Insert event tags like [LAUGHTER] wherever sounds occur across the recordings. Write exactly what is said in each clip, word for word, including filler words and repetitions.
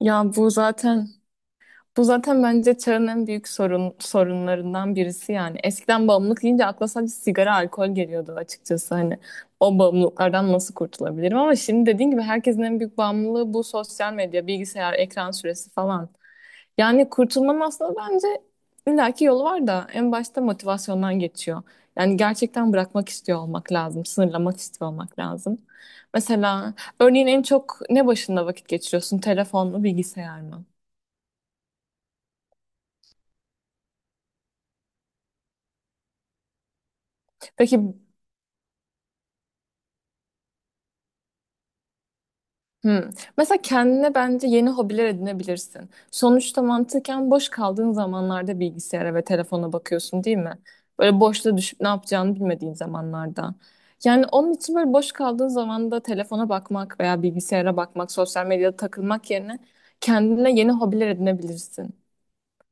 Ya bu zaten bu zaten bence çağın en büyük sorun sorunlarından birisi yani. Eskiden bağımlılık deyince akla sadece sigara, alkol geliyordu açıkçası, hani o bağımlılıklardan nasıl kurtulabilirim, ama şimdi dediğin gibi herkesin en büyük bağımlılığı bu sosyal medya, bilgisayar, ekran süresi falan. Yani kurtulmanın aslında bence illaki yolu var da en başta motivasyondan geçiyor. Yani gerçekten bırakmak istiyor olmak lazım, sınırlamak istiyor olmak lazım. Mesela Örneğin en çok ne başında vakit geçiriyorsun? Telefon mu, bilgisayar mı? Peki, hmm. Mesela kendine bence yeni hobiler edinebilirsin. Sonuçta mantıken boş kaldığın zamanlarda bilgisayara ve telefona bakıyorsun, değil mi? Böyle boşta düşüp ne yapacağını bilmediğin zamanlarda. Yani onun için böyle boş kaldığın zamanda telefona bakmak veya bilgisayara bakmak, sosyal medyada takılmak yerine kendine yeni hobiler edinebilirsin.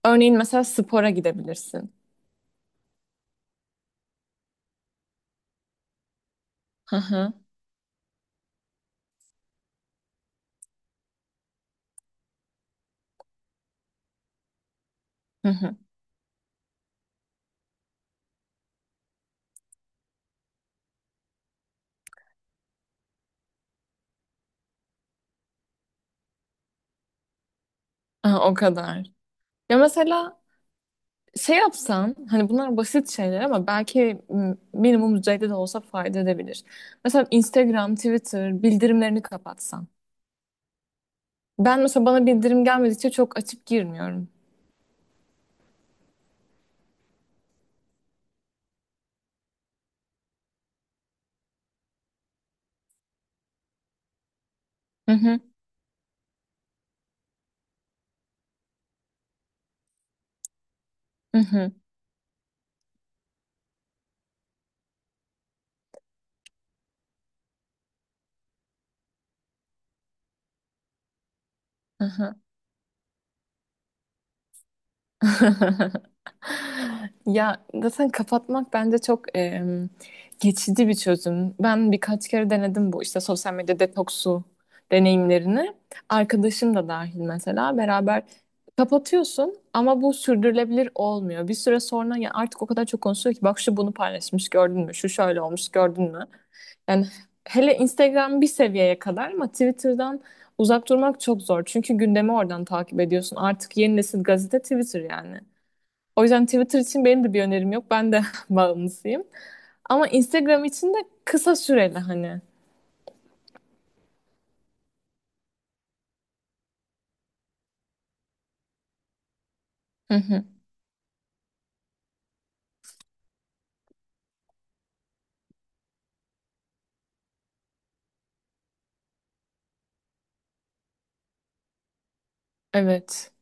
Örneğin mesela spora gidebilirsin. Hı hı. Hı hı. Ha, o kadar. Ya mesela şey yapsan, hani bunlar basit şeyler ama belki m, minimum düzeyde de olsa fayda edebilir. Mesela Instagram, Twitter bildirimlerini kapatsan. Ben mesela bana bildirim gelmedikçe çok açıp girmiyorum. Hı hı, hı hı. Hı hı. [LAUGHS] Ya zaten kapatmak bence çok em, geçici bir çözüm. Ben birkaç kere denedim bu işte sosyal medya detoksu deneyimlerini. Arkadaşım da dahil mesela beraber kapatıyorsun ama bu sürdürülebilir olmuyor. Bir süre sonra ya artık o kadar çok konuşuyor ki, bak şu bunu paylaşmış gördün mü, şu şöyle olmuş gördün mü? Yani hele Instagram bir seviyeye kadar, ama Twitter'dan uzak durmak çok zor. Çünkü gündemi oradan takip ediyorsun. Artık yeni nesil gazete Twitter yani. O yüzden Twitter için benim de bir önerim yok. Ben de [LAUGHS] bağımlısıyım. Ama Instagram için de kısa süreli hani. Hı hı. Evet.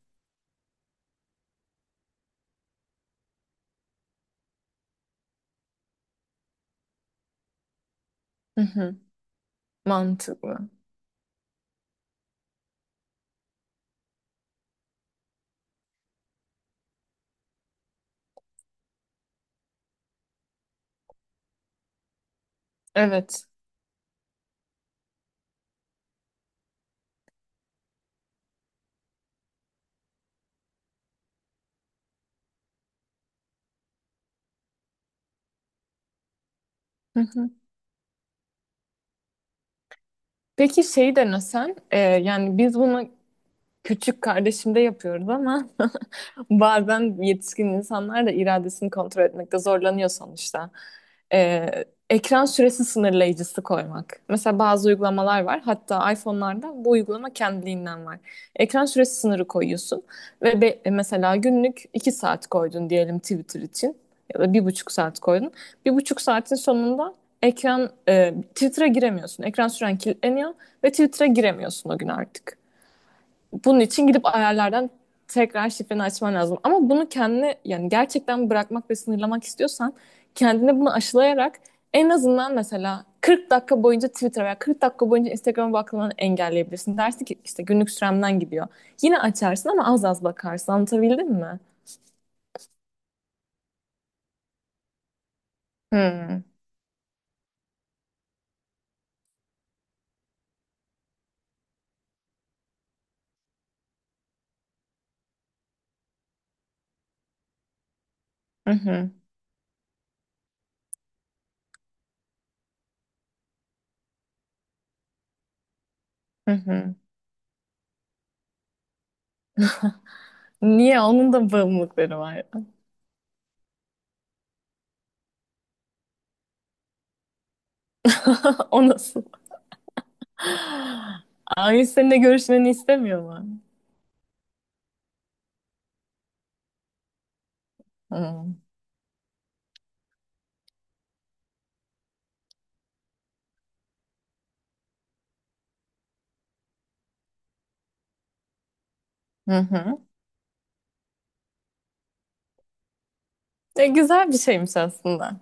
Hı hı. Mantıklı. Evet. Hı hı. Peki şeyi denesen, e, yani biz bunu küçük kardeşimde yapıyoruz, ama [LAUGHS] bazen yetişkin insanlar da iradesini kontrol etmekte zorlanıyor sonuçta. Ee, ekran süresi sınırlayıcısı koymak. Mesela bazı uygulamalar var. Hatta iPhone'larda bu uygulama kendiliğinden var. Ekran süresi sınırı koyuyorsun ve be- e, mesela günlük iki saat koydun diyelim Twitter için ya da bir buçuk saat koydun. Bir buçuk saatin sonunda ekran e, Twitter'a giremiyorsun. Ekran süren kilitleniyor ve Twitter'a giremiyorsun o gün artık. Bunun için gidip ayarlardan tekrar şifreni açman lazım. Ama bunu kendine, yani gerçekten bırakmak ve sınırlamak istiyorsan, kendine bunu aşılayarak en azından mesela kırk dakika boyunca Twitter veya kırk dakika boyunca Instagram'a bakmanı engelleyebilirsin. Dersin ki işte günlük süremden gidiyor. Yine açarsın ama az az bakarsın. Anlatabildim mi? Hmm. Hı hı. Hı hı. Niye? Onun da bağımlılıkları var ya. [LAUGHS] O nasıl? Ailesi seninle görüşmeni istemiyor mu? Hmm. Hı hı, hı. E, güzel bir şeymiş aslında.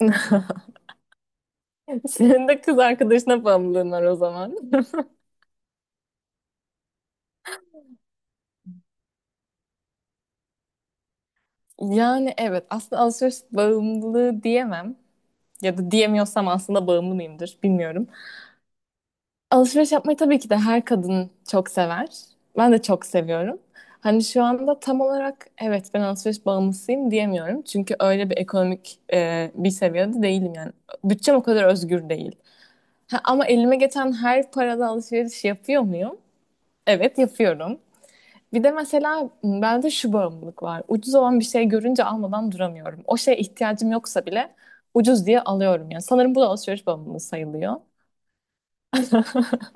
[LAUGHS] Senin de kız arkadaşına bağımlılığın var o zaman. [LAUGHS] Yani evet, aslında alışveriş bağımlılığı diyemem. Ya da diyemiyorsam aslında bağımlı mıyımdır bilmiyorum. Alışveriş yapmayı tabii ki de her kadın çok sever. Ben de çok seviyorum. Hani şu anda tam olarak evet ben alışveriş bağımlısıyım diyemiyorum. Çünkü öyle bir ekonomik e, bir seviyede değilim yani. Bütçem o kadar özgür değil. Ha, ama elime geçen her parada alışveriş yapıyor muyum? Evet yapıyorum. Bir de mesela bende şu bağımlılık var. Ucuz olan bir şey görünce almadan duramıyorum. O şeye ihtiyacım yoksa bile ucuz diye alıyorum yani. Sanırım bu da alışveriş bağımlılığı sayılıyor. [LAUGHS]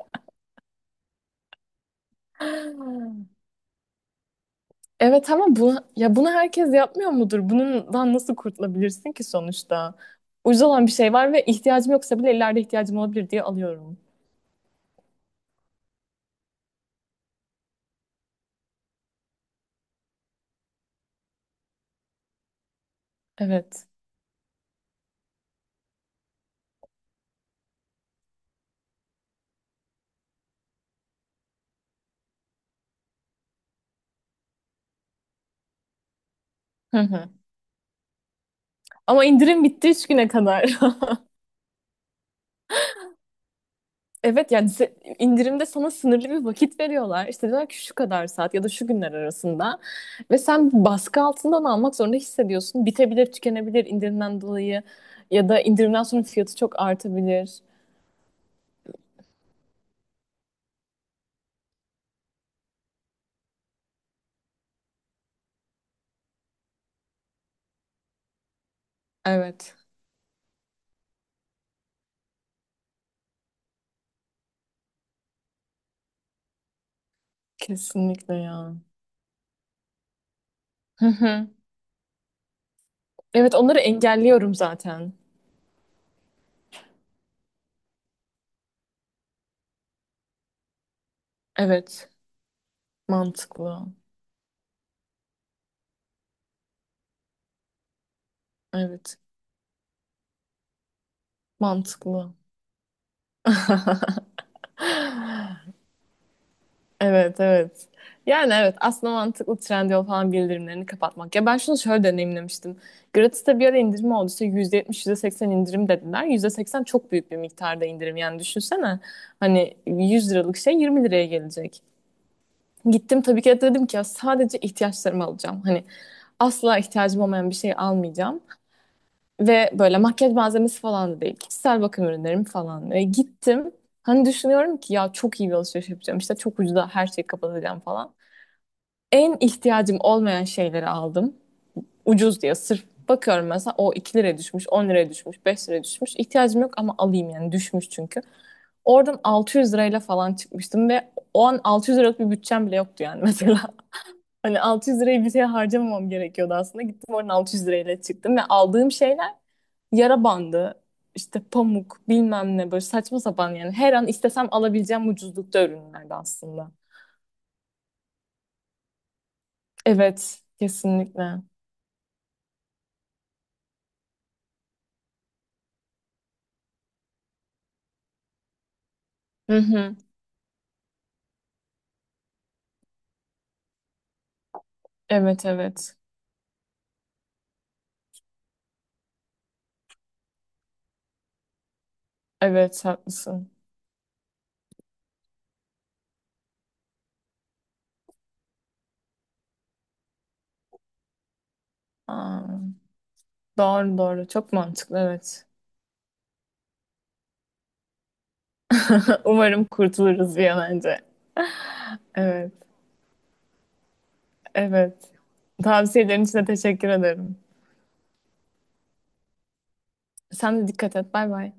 Evet ama bunu, ya bunu herkes yapmıyor mudur? Bundan nasıl kurtulabilirsin ki sonuçta? Ucuz olan bir şey var ve ihtiyacım yoksa bile ileride ihtiyacım olabilir diye alıyorum. Evet. Hı hı. Ama indirim bitti üç güne kadar. [LAUGHS] Evet yani, se- indirimde sana sınırlı bir vakit veriyorlar. İşte diyorlar ki şu kadar saat ya da şu günler arasında. Ve sen baskı altından almak zorunda hissediyorsun. Bitebilir, tükenebilir indirimden dolayı. Ya da indirimden sonra fiyatı çok artabilir. Evet. Kesinlikle ya. Hı hı. Evet, onları engelliyorum zaten. Evet. Mantıklı. Evet. Mantıklı. [LAUGHS] Evet, evet. Yani evet, aslında mantıklı Trendyol falan bildirimlerini kapatmak. Ya ben şunu şöyle deneyimlemiştim. Gratis'te bir ara indirim oldu. İşte yüzde yetmiş, yüzde seksen indirim dediler. Yüzde seksen çok büyük bir miktarda indirim. Yani düşünsene, hani yüz liralık şey yirmi liraya gelecek. Gittim tabii ki de dedim ki ya sadece ihtiyaçlarımı alacağım. Hani asla ihtiyacım olmayan bir şey almayacağım. Ve böyle makyaj malzemesi falan da değil, kişisel bakım ürünlerim falan. E, gittim. Hani düşünüyorum ki ya çok iyi bir alışveriş yapacağım, İşte çok ucuza her şeyi kapatacağım falan. En ihtiyacım olmayan şeyleri aldım. Ucuz diye sırf bakıyorum, mesela o iki liraya düşmüş, on liraya düşmüş, beş liraya düşmüş. İhtiyacım yok ama alayım, yani düşmüş çünkü. Oradan altı yüz lirayla falan çıkmıştım ve o an altı yüz liralık bir bütçem bile yoktu yani [LAUGHS] mesela. Hani altı yüz lirayı bir şeye harcamamam gerekiyordu aslında. Gittim oradan altı yüz lirayla çıktım ve aldığım şeyler yara bandı, işte pamuk, bilmem ne, böyle saçma sapan yani. Her an istesem alabileceğim ucuzlukta ürünlerdi aslında. Evet, kesinlikle. Hı hı. Evet, evet. Evet haklısın. Aa, doğru doğru. Çok mantıklı, evet. [LAUGHS] Umarım kurtuluruz bir an önce. Evet. Evet. Tavsiyelerin için de teşekkür ederim. Sen de dikkat et. Bay bay.